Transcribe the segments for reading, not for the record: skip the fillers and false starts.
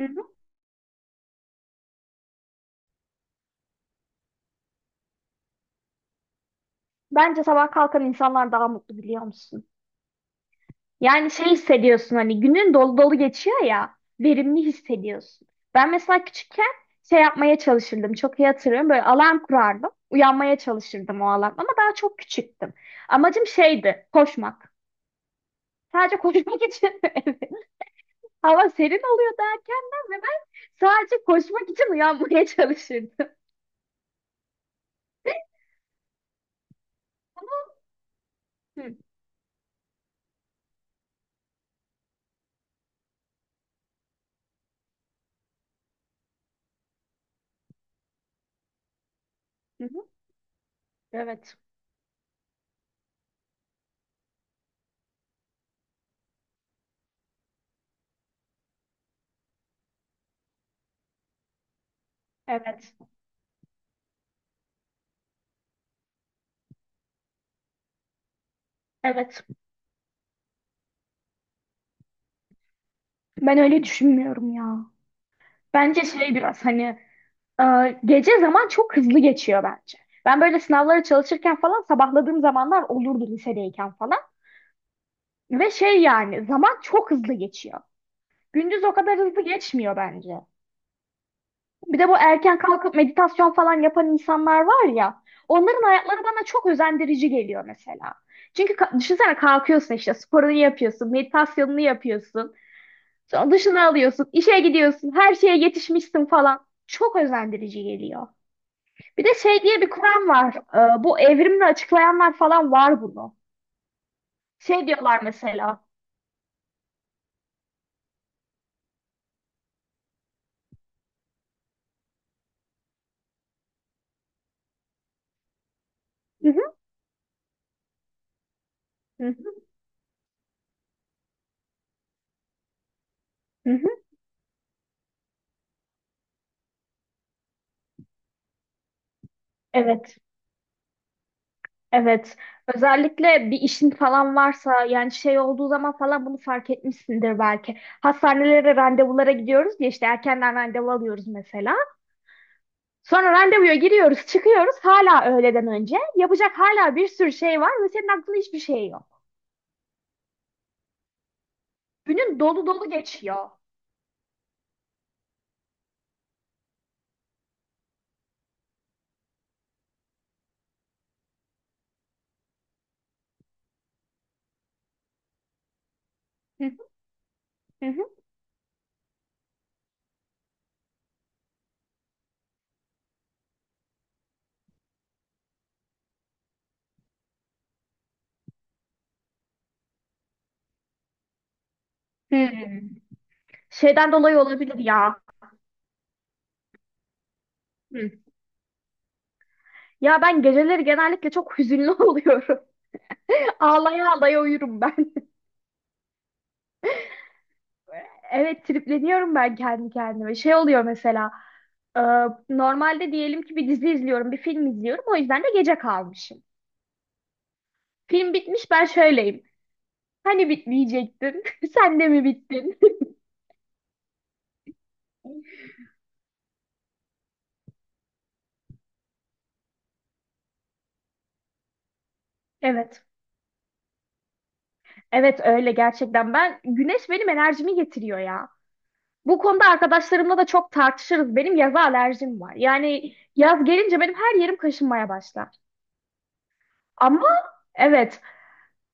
Hı hı. Bence sabah kalkan insanlar daha mutlu biliyor musun? Yani şey hissediyorsun hani günün dolu dolu geçiyor ya verimli hissediyorsun. Ben mesela küçükken şey yapmaya çalışırdım çok iyi hatırlıyorum böyle alarm kurardım uyanmaya çalışırdım o alarm ama daha çok küçüktüm. Amacım şeydi koşmak. Sadece koşmak için evet. Hava serin oluyor erkenden ve ben sadece koşmak için uyanmaya çalışırdım. Hı hı. Evet. Evet. Evet. Ben öyle düşünmüyorum ya. Bence şey biraz hani e, gece zaman çok hızlı geçiyor bence. Ben böyle sınavlara çalışırken falan sabahladığım zamanlar olurdu lisedeyken falan. Ve şey yani zaman çok hızlı geçiyor. Gündüz o kadar hızlı geçmiyor bence. Bir de bu erken kalkıp meditasyon falan yapan insanlar var ya. Onların hayatları bana çok özendirici geliyor mesela. Çünkü ka- düşünsene kalkıyorsun işte sporunu yapıyorsun, meditasyonunu yapıyorsun. Sonra duşunu alıyorsun, işe gidiyorsun, her şeye yetişmişsin falan. Çok özendirici geliyor. Bir de şey diye bir kuram var. Bu evrimini açıklayanlar falan var bunu. Şey diyorlar mesela. Hı hı, hı hı, hı hı. Evet, evet. Özellikle bir işin falan varsa yani şey olduğu zaman falan bunu fark etmişsindir belki. Hastanelere randevulara gidiyoruz diye işte erkenden randevu alıyoruz mesela. Sonra randevuya giriyoruz, çıkıyoruz hala öğleden önce. Yapacak hala bir sürü şey var ve senin aklında hiçbir şey yok. Günün dolu dolu geçiyor. Hı hı, hı hı. Hmm. Şeyden dolayı olabilir ya. Hı. Ya ben geceleri genellikle çok hüzünlü oluyorum. Ağlaya ağlaya uyurum ben. Evet tripleniyorum ben kendi kendime. Şey oluyor mesela e, normalde diyelim ki bir dizi izliyorum, bir film izliyorum. O yüzden de gece kalmışım. Film bitmiş ben şöyleyim. Hani bitmeyecektin? Sen de mi bittin? Evet. Evet öyle gerçekten. Ben güneş benim enerjimi getiriyor ya. Bu konuda arkadaşlarımla da çok tartışırız. Benim yaza alerjim var. Yani yaz gelince benim her yerim kaşınmaya başlar. Ama evet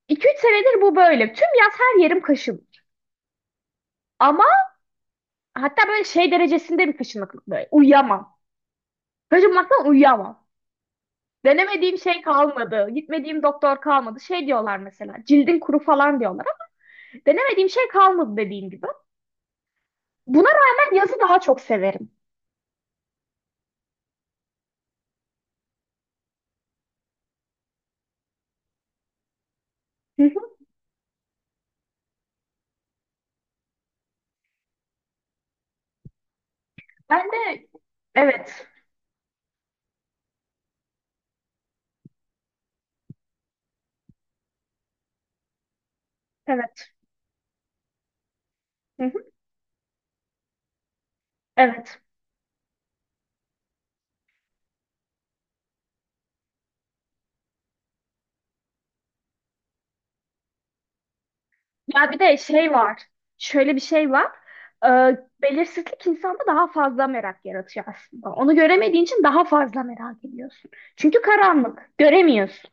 2 üç senedir bu böyle. Tüm yaz her yerim kaşınır. Ama hatta böyle şey derecesinde bir kaşınıklık böyle. Uyuyamam. Kaşınmaktan uyuyamam. Denemediğim şey kalmadı. Gitmediğim doktor kalmadı. Şey diyorlar mesela. Cildin kuru falan diyorlar. Ama denemediğim şey kalmadı dediğim gibi. Buna rağmen yazı daha çok severim. Hı hı. Ben de evet. Evet. Hı hı. Evet. Ya bir de şey var. Şöyle bir şey var. Belirsizlik insanda daha fazla merak yaratıyor aslında. Onu göremediğin için daha fazla merak ediyorsun. Çünkü karanlık, göremiyorsun.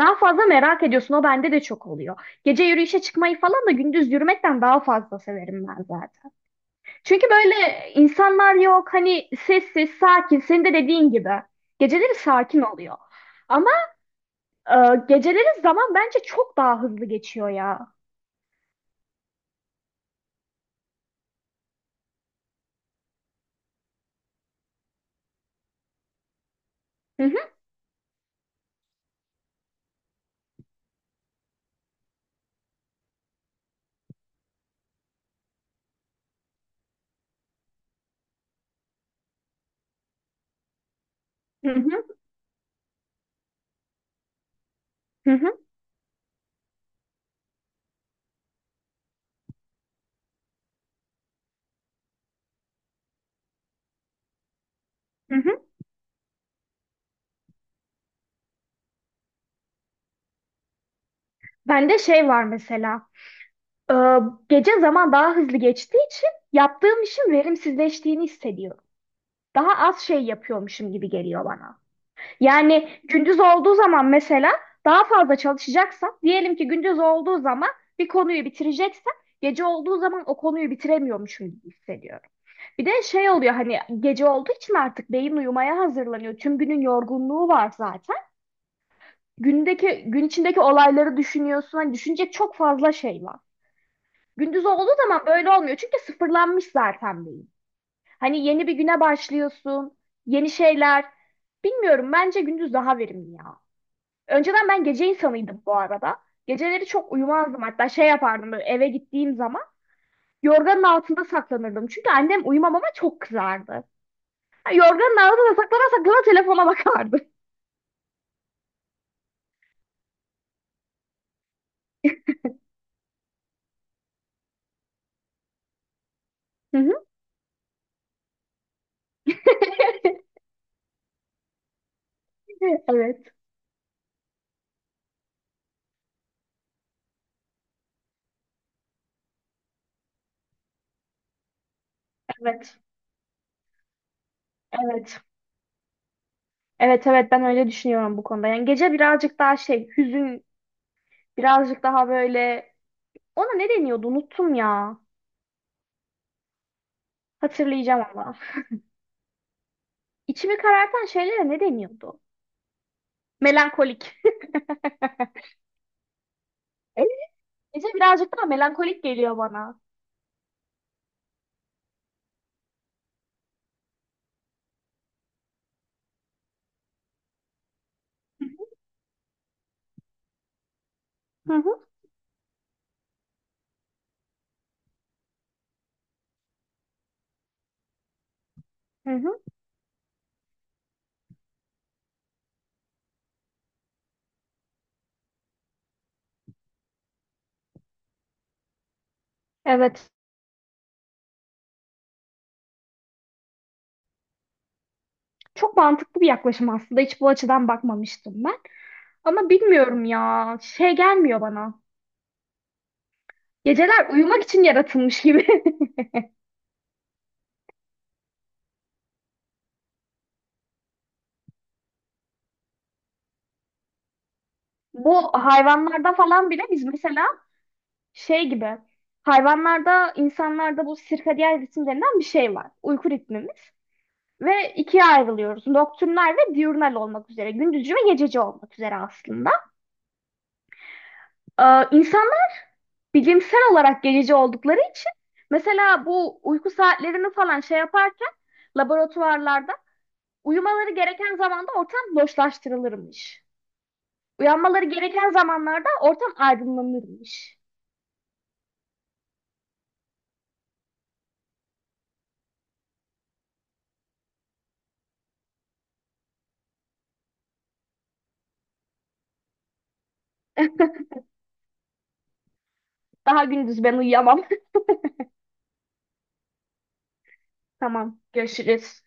Daha fazla merak ediyorsun. O bende de çok oluyor. Gece yürüyüşe çıkmayı falan da gündüz yürümekten daha fazla severim ben zaten. Çünkü böyle insanlar yok. Hani sessiz, sakin. Senin de dediğin gibi. Geceleri sakin oluyor. Ama e, geceleri zaman bence çok daha hızlı geçiyor ya. Hı hı, hı hı, hı hı. Hı hı. Bende şey var mesela. e, Gece zaman daha hızlı geçtiği için yaptığım işin verimsizleştiğini hissediyorum. Daha az şey yapıyormuşum gibi geliyor bana. Yani gündüz olduğu zaman mesela daha fazla çalışacaksam, diyelim ki gündüz olduğu zaman bir konuyu bitireceksem, gece olduğu zaman o konuyu bitiremiyormuşum gibi hissediyorum. Bir de şey oluyor hani gece olduğu için artık beyin uyumaya hazırlanıyor. Tüm günün yorgunluğu var zaten. Gündeki gün içindeki olayları düşünüyorsun. Hani düşünecek çok fazla şey var. Gündüz olduğu zaman böyle olmuyor. Çünkü sıfırlanmış zaten beyin. Hani yeni bir güne başlıyorsun. Yeni şeyler. Bilmiyorum bence gündüz daha verimli ya. Önceden ben gece insanıydım bu arada. Geceleri çok uyumazdım. Hatta şey yapardım böyle eve gittiğim zaman yorganın altında saklanırdım. Çünkü annem uyumamama çok kızardı. Ha, yorganın altında saklana saklana telefona bakardı. Hı hı. Evet, evet, evet. Evet, evet ben öyle düşünüyorum bu konuda. Yani gece birazcık daha şey, hüzün birazcık daha böyle. Ona ne deniyordu? Unuttum ya. Hatırlayacağım ama. İçimi karartan şeylere ne deniyordu? Melankolik. Ece birazcık daha melankolik geliyor bana. Hı hı, hı hı. Evet. Çok mantıklı bir yaklaşım aslında. Hiç bu açıdan bakmamıştım ben. Ama bilmiyorum ya. Şey gelmiyor bana. Geceler uyumak için yaratılmış gibi. Bu hayvanlarda falan bile biz mesela şey gibi. Hayvanlarda, insanlarda bu sirkadiyen ritim denilen bir şey var. Uyku ritmimiz. Ve ikiye ayrılıyoruz. Nocturnal ve diurnal olmak üzere. Gündüzcü ve gececi olmak üzere aslında. İnsanlar bilimsel olarak gececi oldukları için mesela bu uyku saatlerini falan şey yaparken laboratuvarlarda uyumaları gereken zamanda ortam loşlaştırılırmış. Uyanmaları gereken zamanlarda ortam aydınlanırmış. Daha gündüz ben uyuyamam. Tamam, görüşürüz.